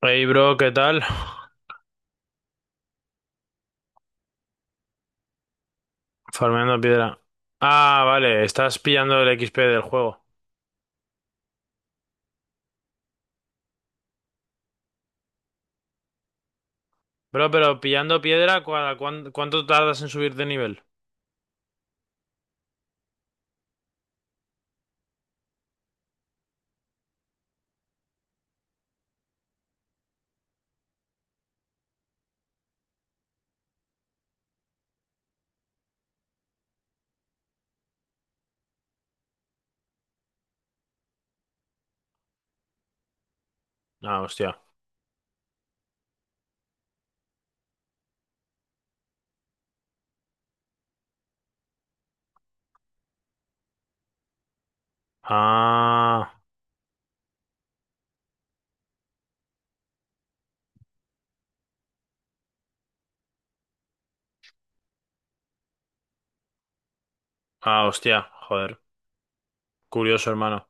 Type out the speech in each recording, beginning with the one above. Hey bro, ¿qué tal? Farmeando piedra. Ah, vale, estás pillando el XP del juego. Bro, pero pillando piedra, ¿cuánto tardas en subir de nivel? Ah, hostia. Ah, ah, hostia, joder. Curioso, hermano.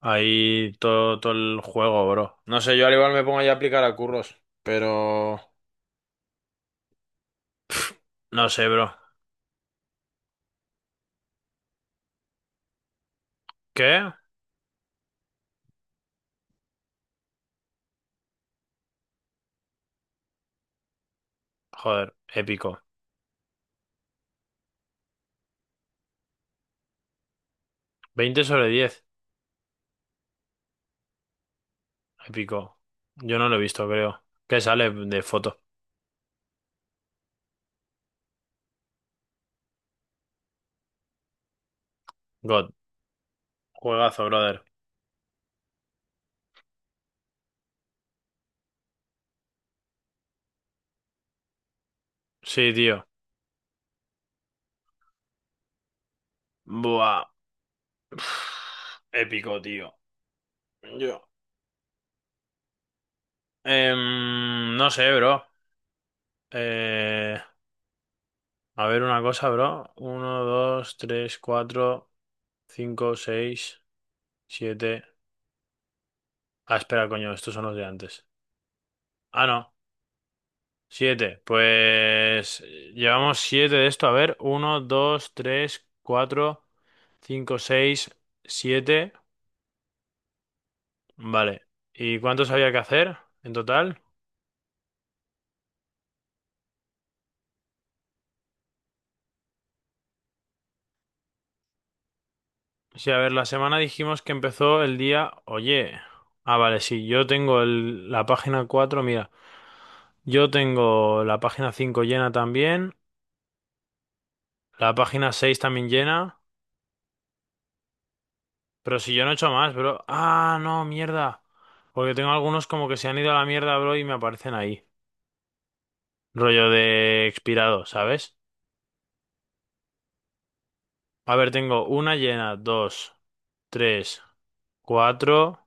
Ahí todo, todo el juego, bro. No sé, yo al igual me pongo ya a aplicar a curros, pero... No sé, bro. ¿Qué? Joder, épico. 20/10, épico. Yo no lo he visto, creo. ¿Qué sale de foto? God, juegazo, brother. Sí, tío. Buah. Pf, épico, tío. Yo. No sé, bro. Eh, a ver una cosa, bro. Uno, dos, tres, cuatro, cinco, seis, siete. Ah, espera, coño, estos son los de antes. Ah, no. Siete. Pues llevamos siete de esto. A ver, uno, dos, tres, cuatro, cinco, seis, siete. Vale. ¿Y cuántos había que hacer en total? Sí, a ver, la semana dijimos que empezó el día, oye, ah, vale, sí, yo tengo la página 4. Mira, yo tengo la página 5 llena también, la página 6 también llena, pero si yo no he hecho más, bro, ah, no, mierda, porque tengo algunos como que se han ido a la mierda, bro, y me aparecen ahí, rollo de expirado, ¿sabes? A ver, tengo una llena, dos, tres, cuatro,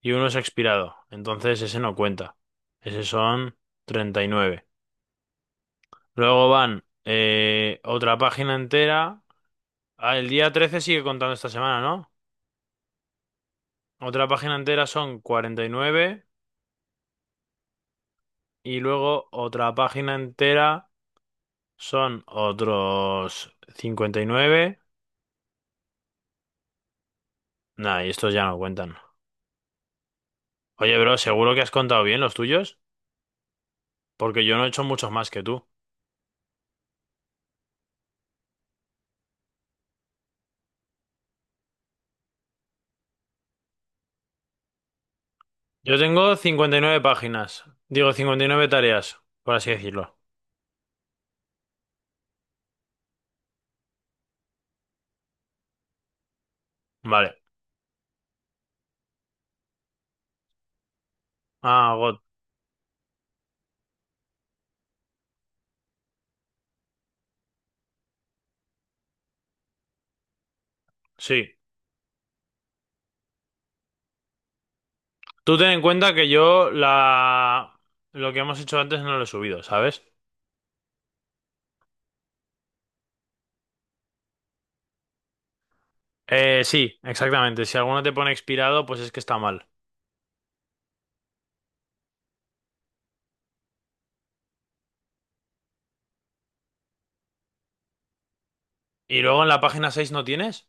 y uno es expirado, entonces ese no cuenta, ese son 39. Luego van otra página entera. Ah, el día 13 sigue contando esta semana, ¿no? Otra página entera son 49 y luego otra página entera son otros 59. Nah, y estos ya no cuentan. Oye, bro, ¿seguro que has contado bien los tuyos? Porque yo no he hecho muchos más que tú. Yo tengo 59 páginas. Digo, 59 tareas, por así decirlo. Vale. Ah, God. Sí. Tú ten en cuenta que yo la... lo que hemos hecho antes no lo he subido, ¿sabes? Sí, exactamente. Si alguno te pone expirado, pues es que está mal. Y luego en la página 6 no tienes.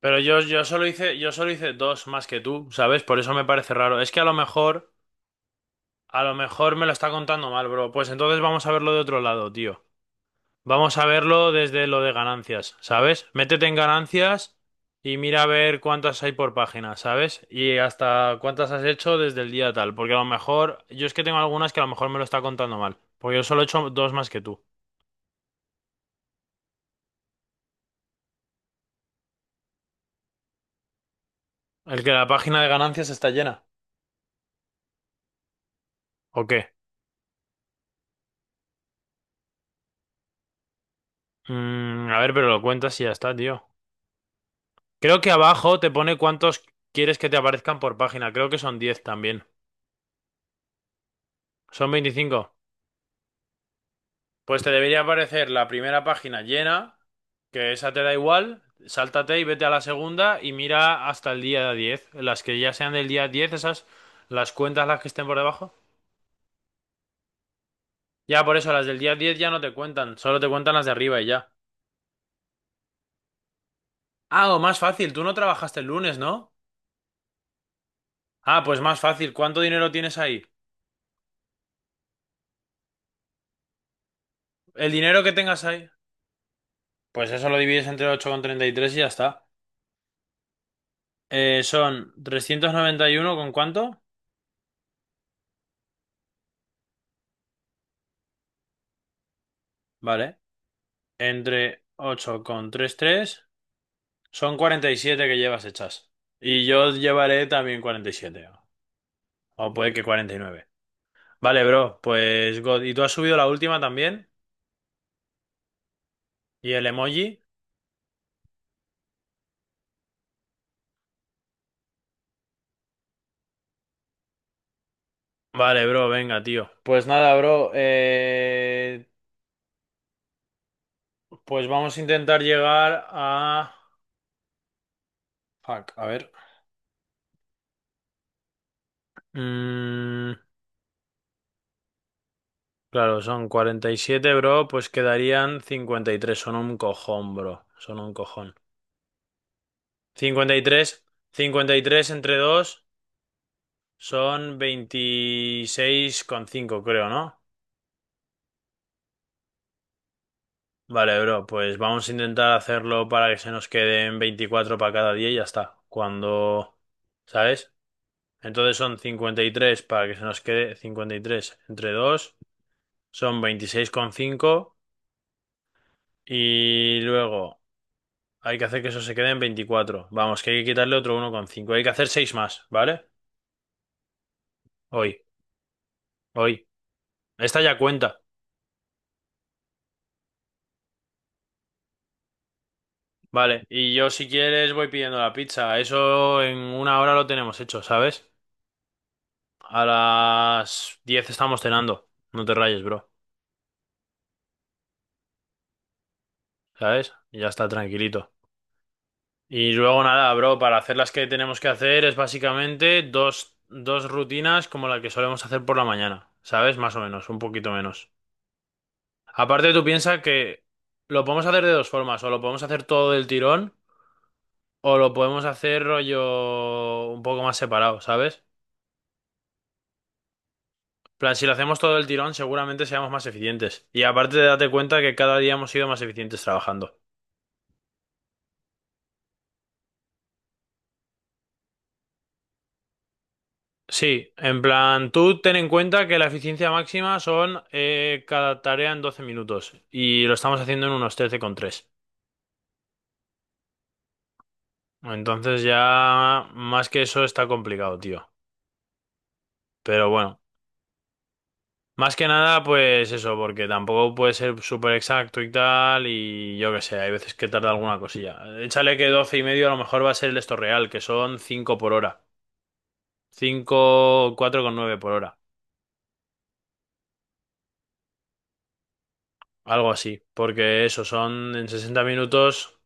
Pero yo solo hice dos más que tú, ¿sabes? Por eso me parece raro. Es que a lo mejor me lo está contando mal, bro. Pues entonces vamos a verlo de otro lado, tío. Vamos a verlo desde lo de ganancias, ¿sabes? Métete en ganancias y mira a ver cuántas hay por página, ¿sabes? Y hasta cuántas has hecho desde el día tal, porque a lo mejor, yo es que tengo algunas que a lo mejor me lo está contando mal, porque yo solo he hecho dos más que tú. ¿El que la página de ganancias está llena? ¿O qué? A ver, pero lo cuentas y ya está, tío. Creo que abajo te pone cuántos quieres que te aparezcan por página, creo que son 10 también. ¿Son 25? Pues te debería aparecer la primera página llena. Que esa te da igual, sáltate y vete a la segunda y mira hasta el día 10. Las que ya sean del día 10 esas, las cuentas las que estén por debajo. Ya, por eso, las del día 10 ya no te cuentan, solo te cuentan las de arriba y ya. Ah, o más fácil, tú no trabajaste el lunes, ¿no? Ah, pues más fácil, ¿cuánto dinero tienes ahí? El dinero que tengas ahí, pues eso lo divides entre 8,33 y ya está. Son 391 con cuánto, vale, entre 8,33. Son 47 que llevas hechas. Y yo llevaré también 47. O puede que 49. Vale, bro. Pues God. ¿Y tú has subido la última también? ¿Y el emoji? Vale, bro. Venga, tío. Pues nada, bro. Pues vamos a intentar llegar a... Fuck, a ver. Mm, claro, son 47, bro. Pues quedarían 53. Son un cojón, bro. Son un cojón. Cincuenta y tres. Cincuenta y tres entre 2. Son 26,5 creo, ¿no? Vale, bro, pues vamos a intentar hacerlo para que se nos queden 24 para cada día y ya está. Cuando, ¿sabes? Entonces son 53 para que se nos quede 53 entre 2 son veintiséis coma cinco y luego hay que hacer que eso se quede en 24. Vamos, que hay que quitarle otro 1,5. Hay que hacer 6 más, ¿vale? Hoy, hoy. Esta ya cuenta. Vale, y yo si quieres voy pidiendo la pizza. Eso en una hora lo tenemos hecho, ¿sabes? A las 10 estamos cenando. No te rayes, bro. ¿Sabes? Y ya está tranquilito. Y luego nada, bro, para hacer las que tenemos que hacer es básicamente dos rutinas como la que solemos hacer por la mañana, ¿sabes? Más o menos, un poquito menos. Aparte, tú piensas que lo podemos hacer de dos formas, o lo podemos hacer todo del tirón, o lo podemos hacer rollo un poco más separado, ¿sabes? Plan, si lo hacemos todo el tirón, seguramente seamos más eficientes. Y aparte, date cuenta que cada día hemos sido más eficientes trabajando. Sí, en plan, tú ten en cuenta que la eficiencia máxima son cada tarea en 12 minutos y lo estamos haciendo en unos 13,3. Entonces ya más que eso está complicado, tío. Pero bueno, más que nada pues eso, porque tampoco puede ser súper exacto y tal y yo qué sé, hay veces que tarda alguna cosilla. Échale que 12 y medio a lo mejor va a ser el esto real, que son 5 por hora. 5, nueve por hora. Algo así. Porque eso, son en 60 minutos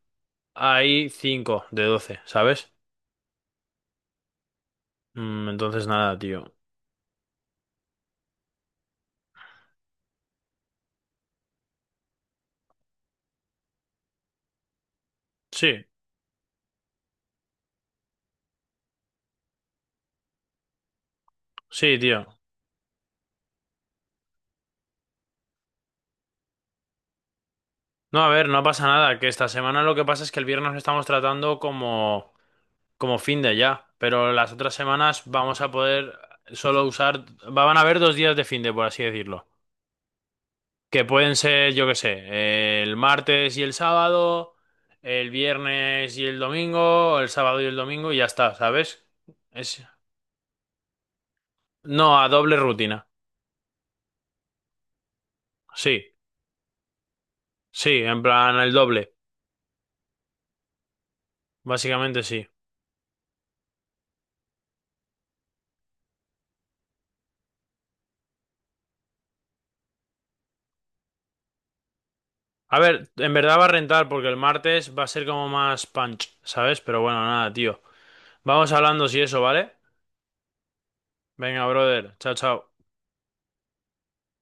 hay 5 de 12, ¿sabes? Entonces nada, tío. Sí, sí, tío. No, a ver, no pasa nada. Que esta semana lo que pasa es que el viernes lo estamos tratando como fin de ya. Pero las otras semanas vamos a poder solo usar... Van a haber dos días de fin de, por así decirlo. Que pueden ser, yo qué sé, el martes y el sábado, el viernes y el domingo, el sábado y el domingo y ya está, ¿sabes? Es... No, a doble rutina. Sí, sí, en plan el doble. Básicamente sí. A ver, en verdad va a rentar porque el martes va a ser como más punch, ¿sabes? Pero bueno, nada, tío. Vamos hablando si eso, ¿vale? Venga, brother. Chao, chao.